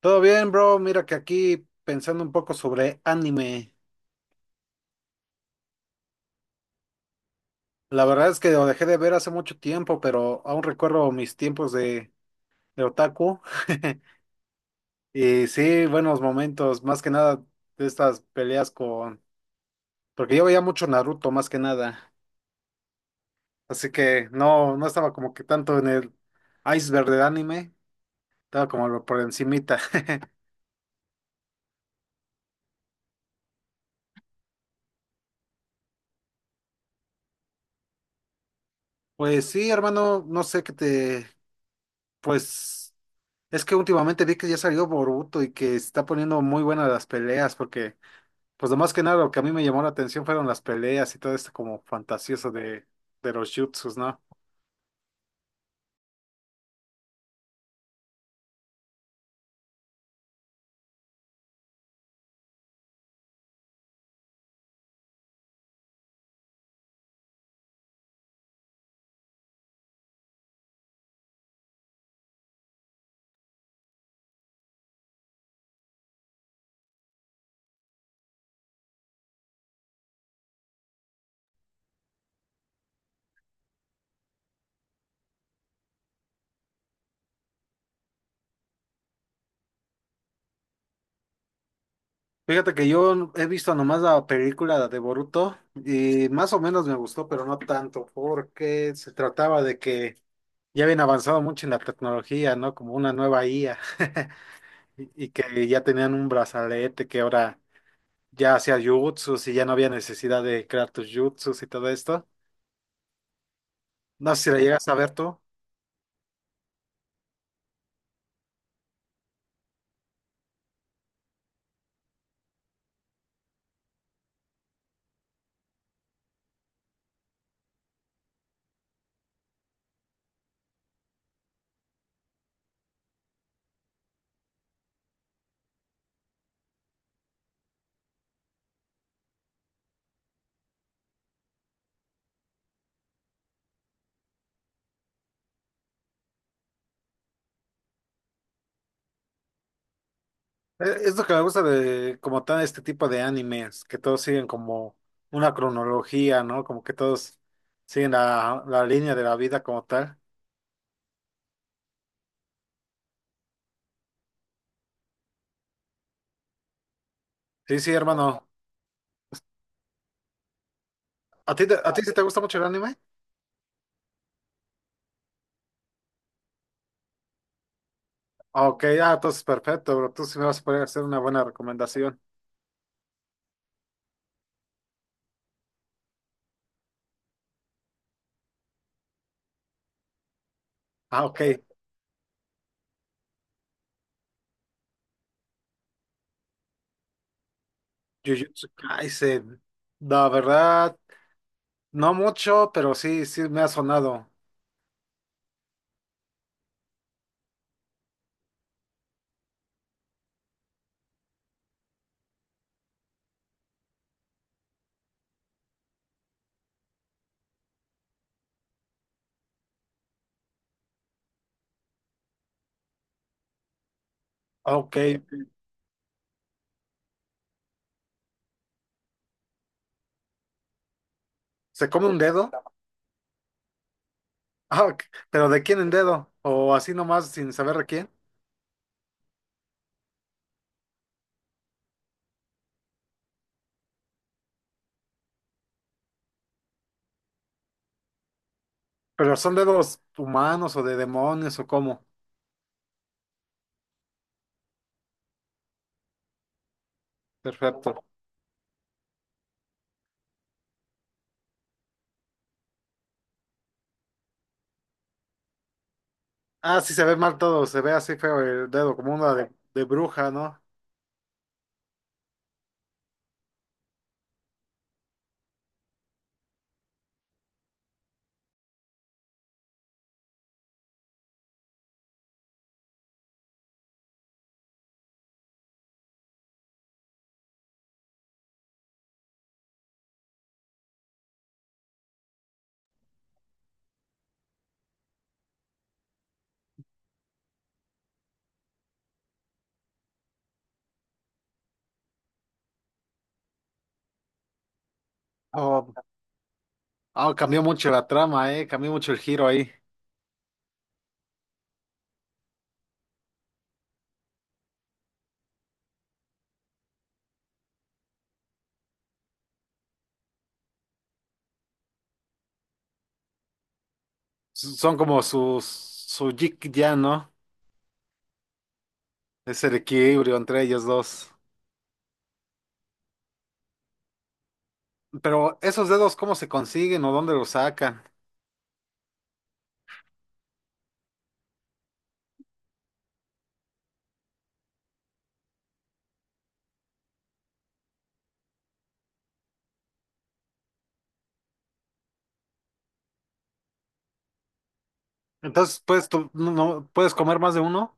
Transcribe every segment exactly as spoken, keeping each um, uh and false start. Todo bien, bro. Mira que aquí pensando un poco sobre anime. La verdad es que lo dejé de ver hace mucho tiempo, pero aún recuerdo mis tiempos de, de otaku. Y sí, buenos momentos, más que nada de estas peleas con... Porque yo veía mucho Naruto, más que nada. Así que no, no estaba como que tanto en el iceberg del anime, estaba como por encimita. Pues sí, hermano, no sé qué te... Pues... Es que últimamente vi que ya salió Boruto y que se está poniendo muy buenas las peleas, porque, pues lo más que nada, lo que a mí me llamó la atención fueron las peleas y todo esto como fantasioso de, de los jutsus, ¿no? Fíjate que yo he visto nomás la película de Boruto y más o menos me gustó, pero no tanto, porque se trataba de que ya habían avanzado mucho en la tecnología, ¿no? Como una nueva I A y y que ya tenían un brazalete que ahora ya hacía jutsus y ya no había necesidad de crear tus jutsus y todo esto. No sé si la llegas a ver tú. Eh, Es lo que me gusta de como tal este tipo de animes, que todos siguen como una cronología, ¿no? Como que todos siguen la, la línea de la vida como tal. Sí, sí, hermano. ¿A ti, te- a ti sí te gusta mucho el anime? Ah, ok, ah, entonces perfecto, bro. Tú sí me vas a poder hacer una buena recomendación. Ah, ok. Jujutsu Kaisen. La verdad, no mucho, pero sí, sí me ha sonado. Ah, ok. ¿Se come un dedo? Ah, ok. ¿Pero de quién en dedo? ¿O así nomás sin saber de quién? Pero son dedos humanos o de demonios o cómo. Perfecto. Ah, sí, se ve mal todo, se ve así feo el dedo, como una de, de bruja, ¿no? Oh, ah, cambió mucho la trama, ¿eh? Cambió mucho el giro ahí. S- Son como sus, su jig ya, ¿no? Es el equilibrio entre ellos dos. Pero esos dedos, ¿cómo se consiguen o dónde los sacan? Entonces, puedes, tú, no, no- ¿puedes comer más de uno?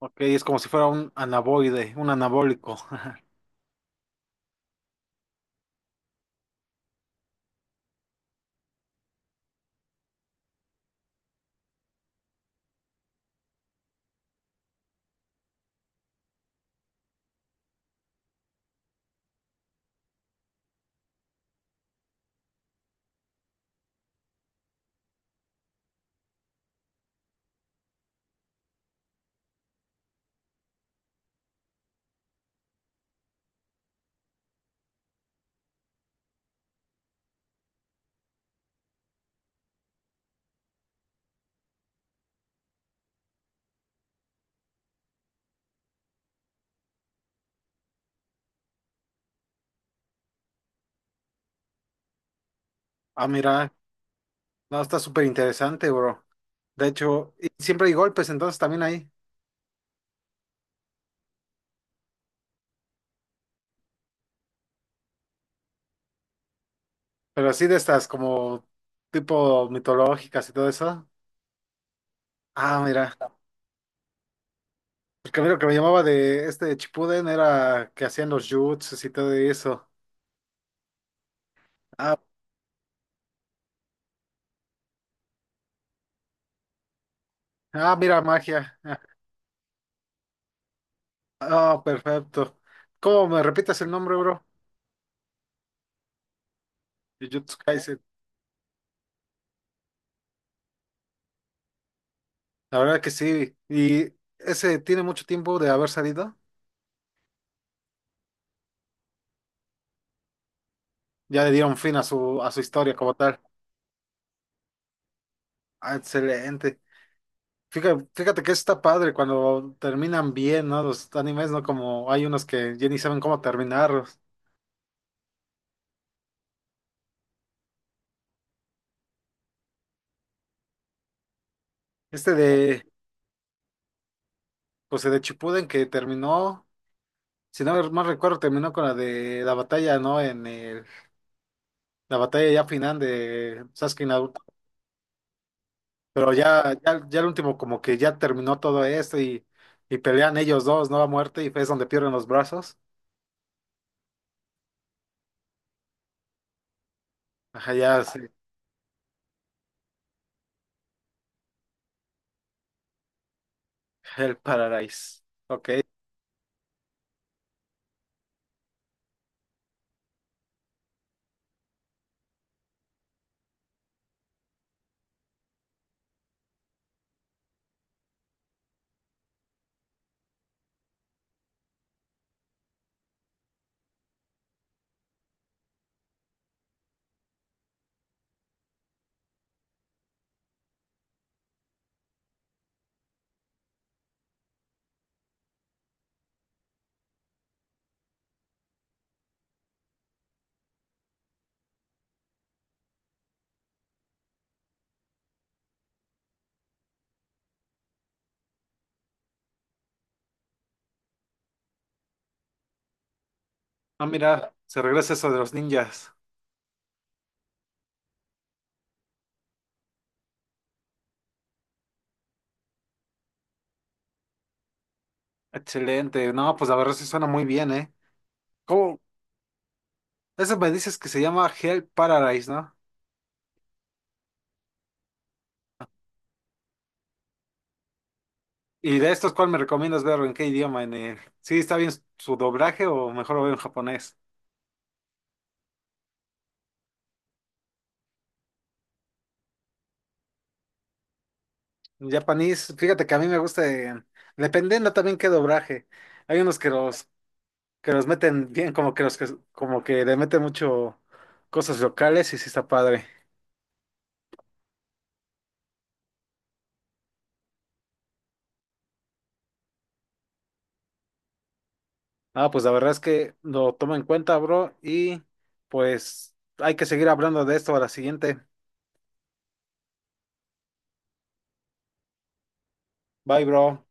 Ok, es como si fuera un anaboide, un anabólico. Ah, mira. No, está súper interesante, bro. De hecho, y siempre hay golpes entonces también ahí. Pero así de estas como tipo mitológicas y todo eso. Ah, mira. Porque a mí lo que me llamaba de este Chipuden era que hacían los jutsus y todo eso. Ah, ah, mira, magia. Ah, oh, perfecto. ¿Cómo me repitas el nombre, bro? Jujutsu Kaisen. La verdad que sí. Y ese tiene mucho tiempo de haber salido. Ya le dieron fin a su, a su historia como tal. Ah, excelente. Fíjate, fíjate que está padre cuando terminan bien, ¿no? Los animes, ¿no? Como hay unos que ya ni saben cómo terminarlos. Este de, pues el de Chipuden que terminó, si no mal recuerdo, terminó con la de la batalla, ¿no? En el- la batalla ya final de Sasuke y Naruto. Pero ya, ya, ya el último como que ya terminó todo esto y, y pelean ellos dos, ¿no? A muerte y es donde pierden los brazos. Ajá, ya, sí. El Paradise. Ok. Ah, mira, se regresa eso de los ninjas. Excelente. No, pues la verdad sí suena muy bien, ¿eh? ¿Cómo? Eso me dices que se llama Hell Paradise, ¿no? Y de estos, ¿cuál me recomiendas verlo? ¿En qué idioma? ¿En el... ¿Sí está bien su doblaje o mejor lo veo en japonés? En japonés, fíjate que a mí me gusta, en- dependiendo también qué doblaje. Hay unos que los, que los meten bien, como que los que, como que le meten mucho cosas locales y sí está padre. Ah, pues la verdad es que lo tomo en cuenta, bro, y pues hay que seguir hablando de esto a la siguiente. Bye, bro.